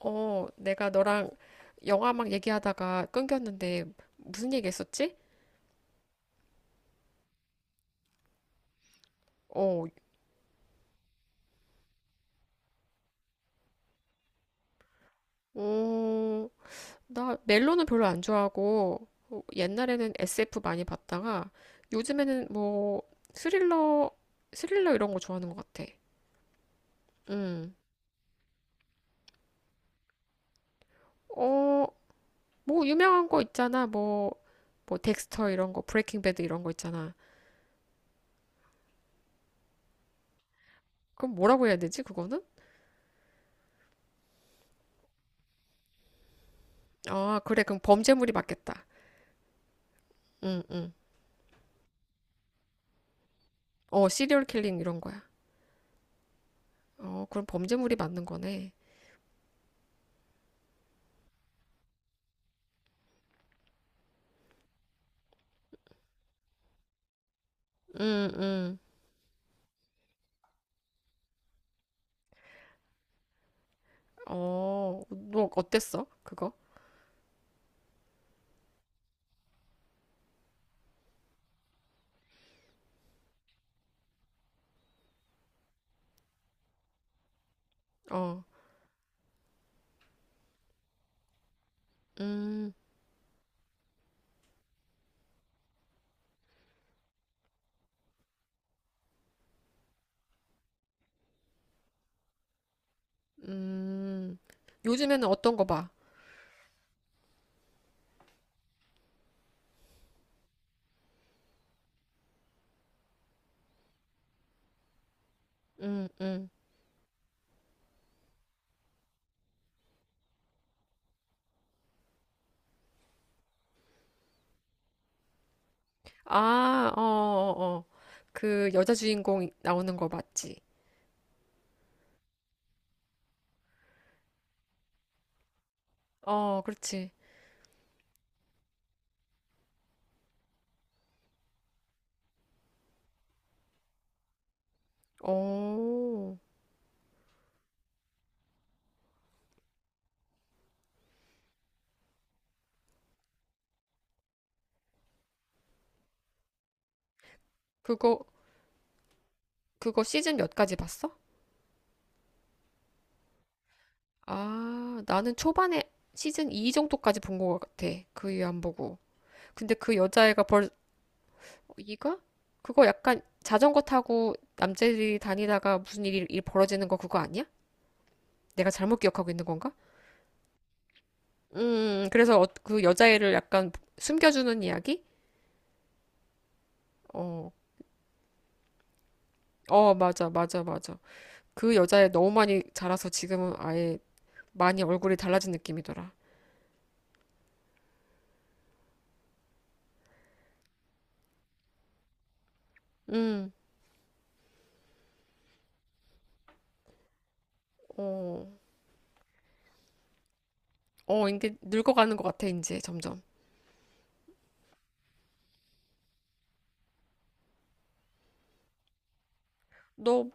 내가 너랑 영화 막 얘기하다가 끊겼는데 무슨 얘기 했었지? 어, 어, 나 멜로는 별로 안 좋아하고 옛날에는 SF 많이 봤다가 요즘에는 뭐 스릴러, 스릴러 이런 거 좋아하는 것 같아. 음, 어, 뭐 유명한 거 있잖아. 뭐 덱스터 이런 거, 브레이킹 배드 이런 거 있잖아. 그럼 뭐라고 해야 되지, 그거는? 아, 그래. 그럼 범죄물이 맞겠다. 응, 응. 시리얼 킬링 이런 거야. 그럼 범죄물이 맞는 거네. 음. 음. 너 어땠어? 그거? 어. 음. 음. 요즘에는 어떤 거 봐? 음. 음. 아. 어. 어. 어. 그 여자 주인공 나오는 거 맞지? 어, 그렇지. 어, 그거, 그거 시즌 몇까지 봤어? 아, 나는 초반에 시즌 2 정도까지 본 거 같아. 그 이후 안 보고. 근데 그 여자애가 벌써 뭐 이거? 그거 약간 자전거 타고 남자들이 다니다가 무슨 일이 일 벌어지는 거 그거 아니야? 내가 잘못 기억하고 있는 건가? 그래서 그 여자애를 약간 숨겨주는 이야기? 어, 어, 맞아, 맞아, 맞아. 그 여자애 너무 많이 자라서 지금은 아예 많이 얼굴이 달라진 느낌이더라. 음, 어, 어, 이게 늙어가는 것 같아, 이제 점점. 너,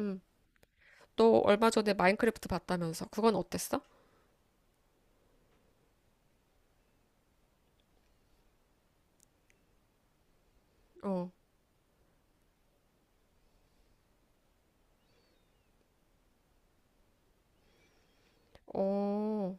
음, 너 얼마 전에 마인크래프트 봤다면서. 그건 어땠어? 어. 어.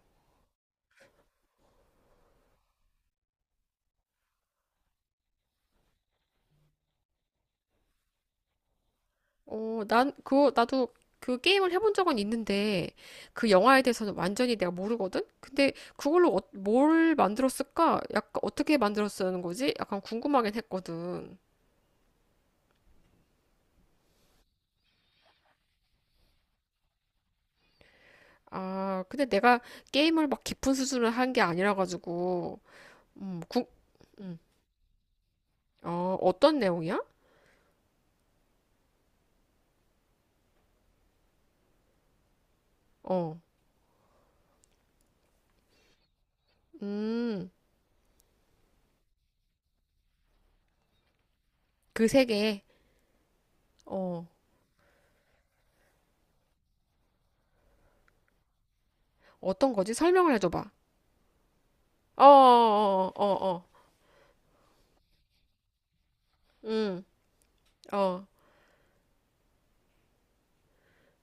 난 그거 나도 그 게임을 해본 적은 있는데 그 영화에 대해서는 완전히 내가 모르거든. 근데 그걸로 뭘 만들었을까? 약간 어떻게 만들었다는 거지? 약간 궁금하긴 했거든. 아, 근데 내가 게임을 막 깊은 수준을 한 게 아니라 가지고. 음, 구, 음, 어떤 내용이야? 어, 음, 그 세계, 어, 어떤 거지? 설명을 해줘봐. 어. 어. 어. 어. 어. 음. 어.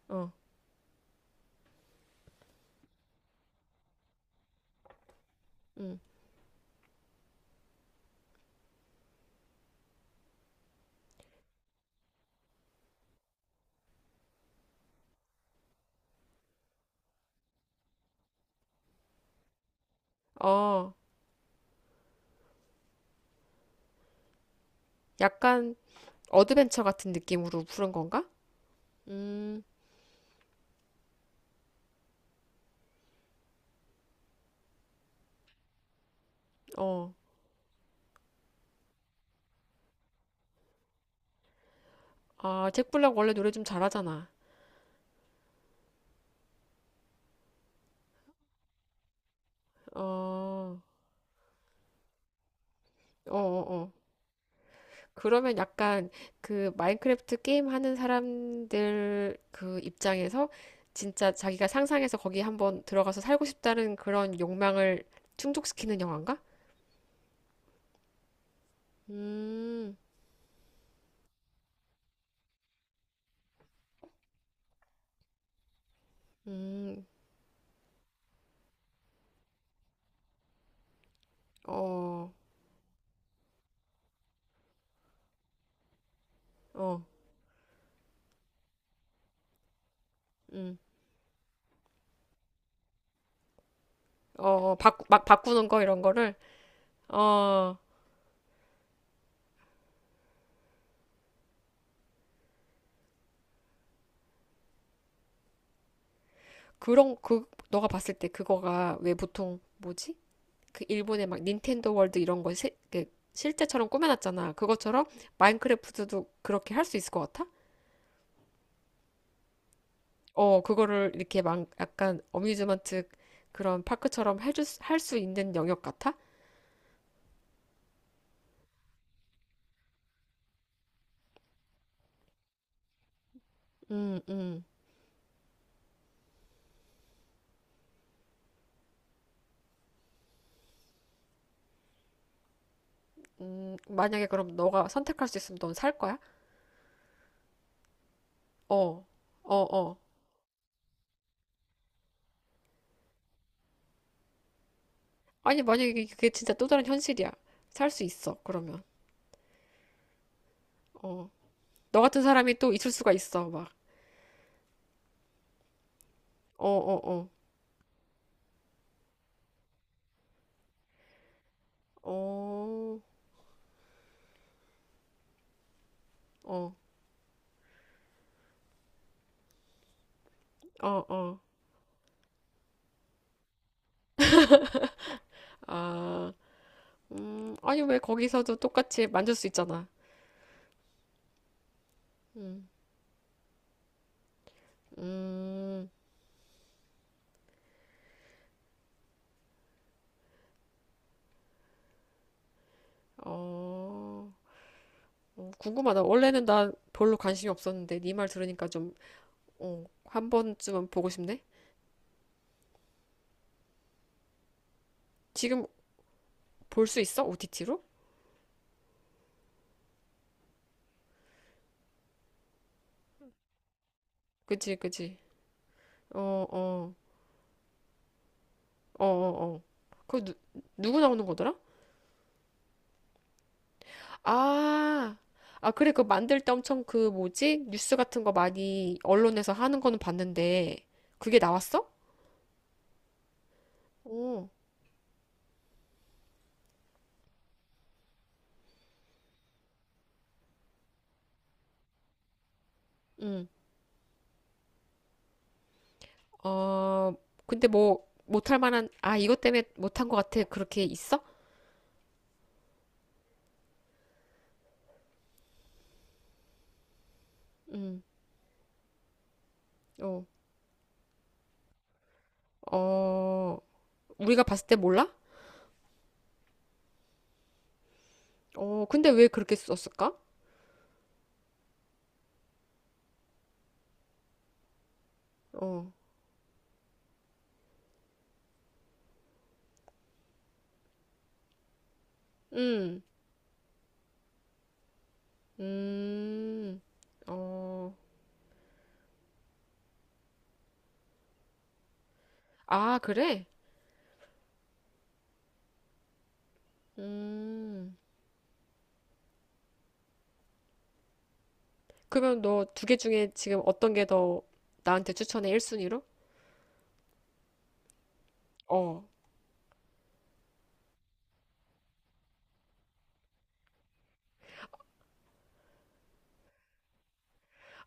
어. 음. 어. 약간 어드벤처 같은 느낌으로 부른 건가? 음. 어. 아, 잭 블랙 원래 노래 좀 잘하잖아. 어. 어. 어. 어. 그러면 약간 그 마인크래프트 게임 하는 사람들 그 입장에서 진짜 자기가 상상해서 거기 한번 들어가서 살고 싶다는 그런 욕망을 충족시키는 영화인가? 음. 음. 어. 어. 음. 어. 막 바꾸는 거 이런 거를, 어, 그런 그 너가 봤을 때 그거가 왜 보통 뭐지? 그 일본의 막 닌텐도 월드 이런 거 그 실제처럼 꾸며놨잖아. 그것처럼 마인크래프트도 그렇게 할 수 있을 것 같아? 그거를 이렇게 막 약간 어뮤즈먼트 그런 파크처럼 해줄 할수 있는 영역 같아? 음. 음. 음. 만약에 그럼 너가 선택할 수 있으면 넌 살 거야? 어. 어. 어. 아니, 만약에 그게 진짜 또 다른 현실이야. 살 수 있어, 그러면. 어. 너 같은 사람이 또 있을 수가 있어, 막. 어. 어. 어. 어. 어. 어. 어. 아, 아니, 왜 거기서도 똑같이 만질 수 있잖아. 음. 음. 어. 어. 궁금하다. 원래는 나 별로 관심이 없었는데, 네 말 들으니까 좀, 한 번쯤은 보고 싶네? 지금 볼 수 있어? OTT로? 그치, 그치. 어. 어. 어. 어. 어. 그 누구 나오는 거더라? 아, 아, 그래, 그 만들 때 엄청 그 뭐지? 뉴스 같은 거 많이 언론에서 하는 거는 봤는데, 그게 나왔어? 오, 응. 어, 근데 뭐, 못할 만한, 아, 이것 때문에 못한 것 같아. 그렇게 있어? 응. 어. 어. 우리가 봤을 때 몰라? 어, 근데 왜 그렇게 썼을까? 어. 음. 음. 어. 아, 그래? 음, 그러면 너 두 개 중에 지금 어떤 게 더 나한테 추천해, 1순위로? 어.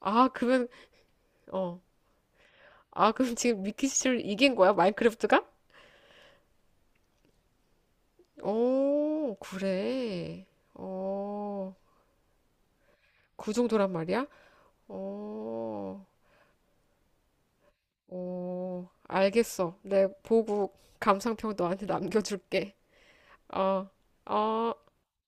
아, 그러면, 어. 아, 그럼 지금 미키씨를 이긴 거야? 마인크래프트가? 오, 그래. 어, 그 정도란 말이야? 어. 어. 알겠어. 내 보고 감상평 너한테 남겨줄게. 어. 어.